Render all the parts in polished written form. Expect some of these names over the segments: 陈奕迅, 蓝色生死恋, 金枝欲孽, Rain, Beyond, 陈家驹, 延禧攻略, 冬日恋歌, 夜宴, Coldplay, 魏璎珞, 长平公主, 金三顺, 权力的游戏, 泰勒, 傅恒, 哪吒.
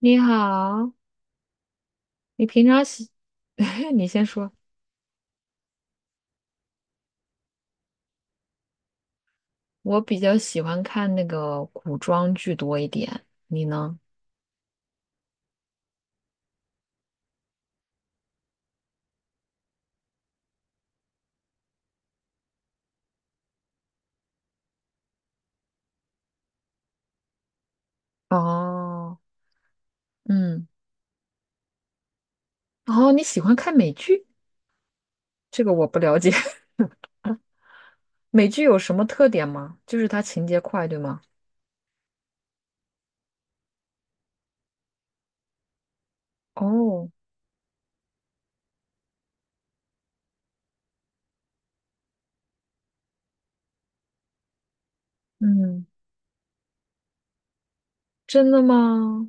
你好，你平常喜，你先说。我比较喜欢看那个古装剧多一点，你呢？哦，嗯，哦，你喜欢看美剧？这个我不了解。美剧有什么特点吗？就是它情节快，对吗？哦，嗯，真的吗？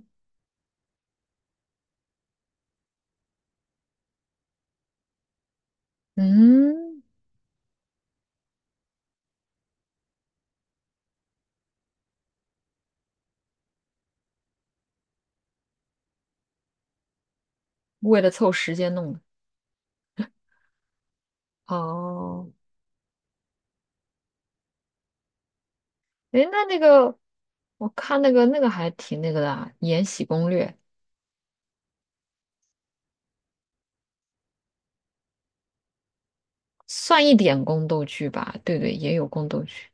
嗯，为了凑时间弄的。哦，诶，那个，我看那个还挺那个的啊，《延禧攻略》算一点宫斗剧吧？对对，也有宫斗剧。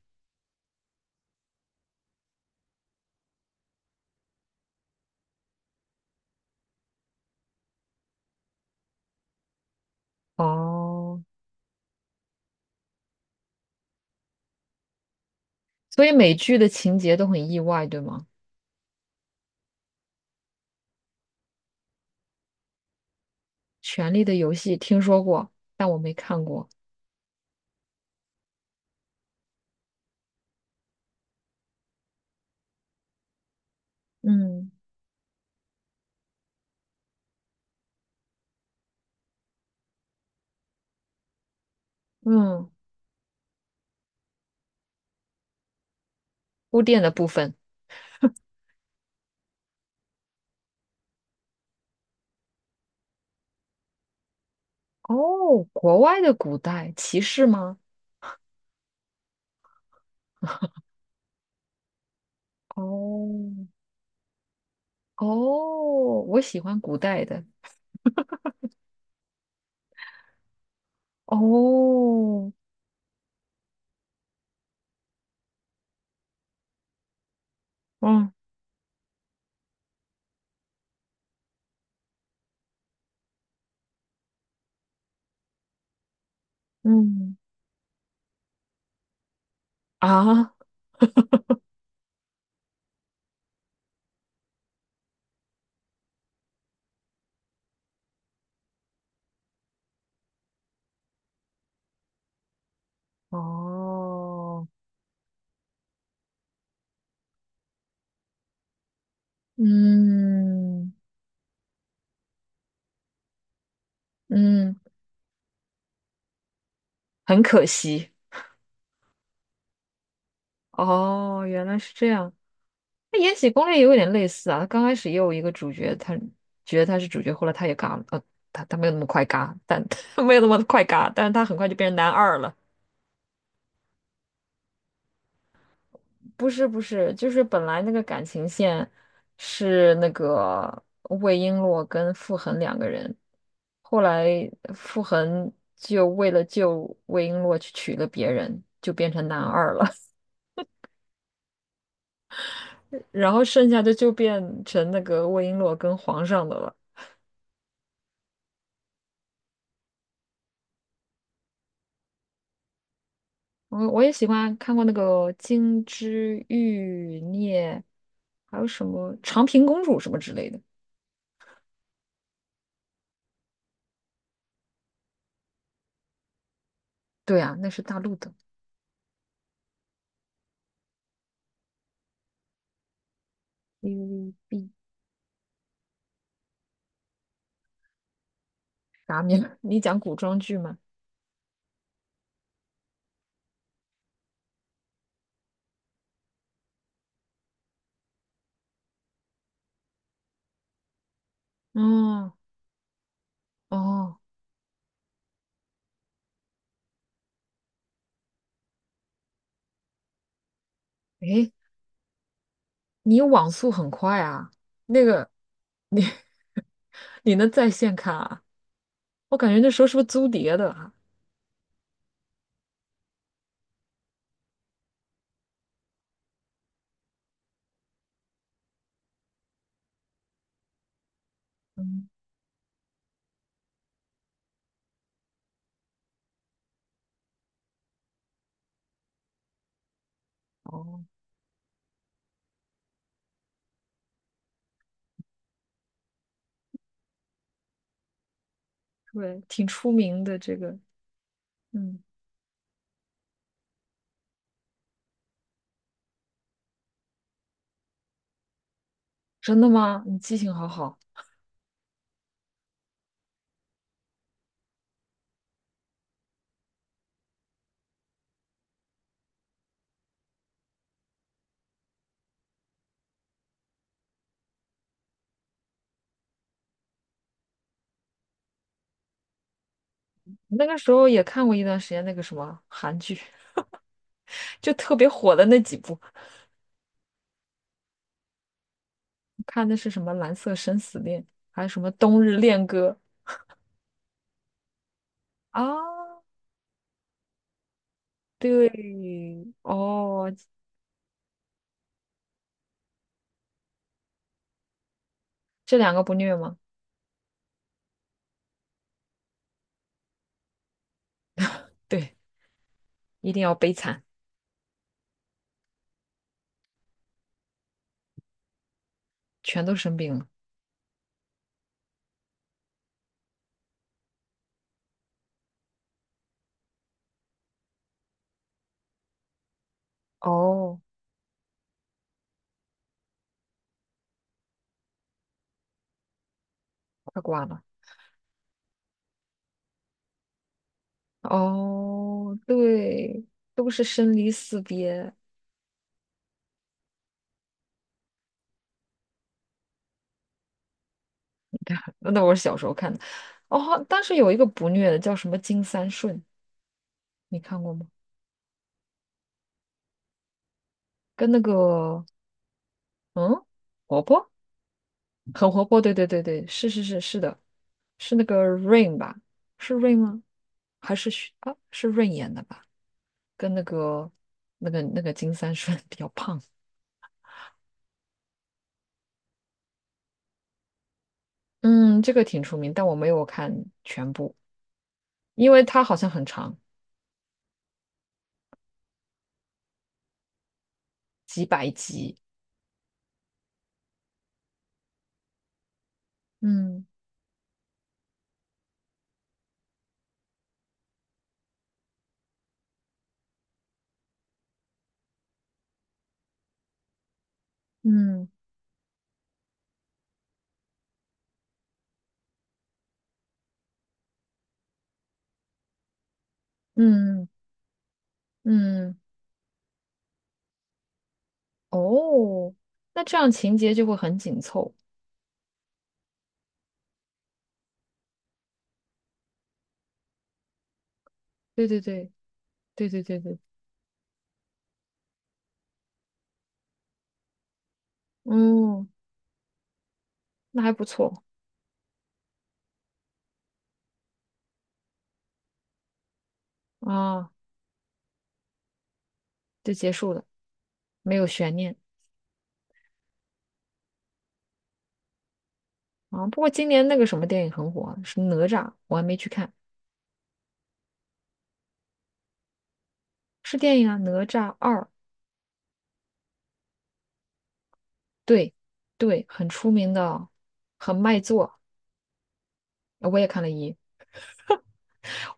哦，所以美剧的情节都很意外，对吗？《权力的游戏》听说过，但我没看过。嗯嗯，铺垫的部分。哦，国外的古代骑士吗？哦哦，我喜欢古代的。哦，嗯嗯啊，哦，嗯嗯，很可惜。哦，原来是这样。那《延禧攻略》也有点类似啊，刚开始也有一个主角，他觉得他是主角，后来他也嘎了，他没有那么快嘎，但 没有那么快嘎，但是他很快就变成男二了。不是不是，就是本来那个感情线是那个魏璎珞跟傅恒两个人，后来傅恒就为了救魏璎珞去娶了别人，就变成男二了，然后剩下的就变成那个魏璎珞跟皇上的了。我也喜欢看过那个《金枝欲孽》，还有什么《长平公主》什么之类的。对啊，那是大陆的 TVB。 啥名？你讲古装剧吗？哦哦，诶，你网速很快啊，那个你能在线看啊？我感觉那时候是不是租碟的啊？嗯，哦，对，挺出名的这个，嗯，真的吗？你记性好好。那个时候也看过一段时间那个什么韩剧，就特别火的那几部。看的是什么《蓝色生死恋》，还有什么《冬日恋歌》啊？对，哦，这两个不虐吗？对，一定要悲惨，全都生病了。哦，快挂了。哦，对，都是生离死别。那我是小时候看的。哦，但是有一个不虐的叫什么《金三顺》，你看过吗？跟那个嗯，婆婆很活泼，对对对对，是是是是的，是那个 Rain 吧？是 Rain 吗？还是许啊？是 Rain 演的吧？跟那个那个金三顺 比较胖。嗯，这个挺出名，但我没有看全部，因为它好像很长。嗯嗯嗯嗯，哦，那这样情节就会很紧凑。对对对对对对对，嗯，那还不错啊，就结束了，没有悬念。啊，不过今年那个什么电影很火啊是哪吒，我还没去看，是电影啊，《哪吒二》，对，对，很出名的，很卖座。呃我也看了一，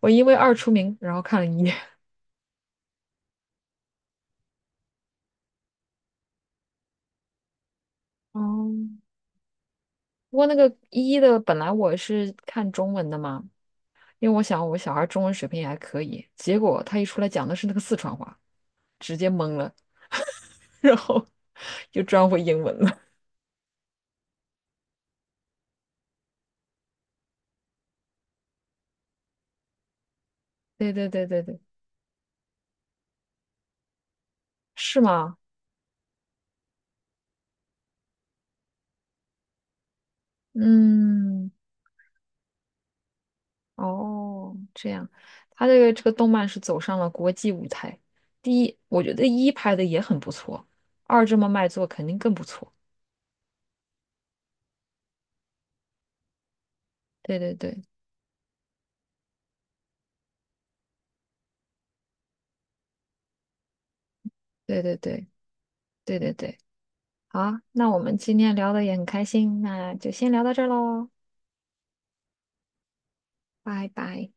我因为二出名，然后看了一。哦，不过那个一的本来我是看中文的嘛，因为我想我小孩中文水平也还可以，结果他一出来讲的是那个四川话，直接懵了，然后就转回英文了。对对对对对，是吗？嗯。哦，这样，他这个这个动漫是走上了国际舞台。第一，我觉得一拍的也很不错，二这么卖座肯定更不错。对对对对对对对对对，好啊那我们今天聊的也很开心，那就先聊到这儿喽，拜拜。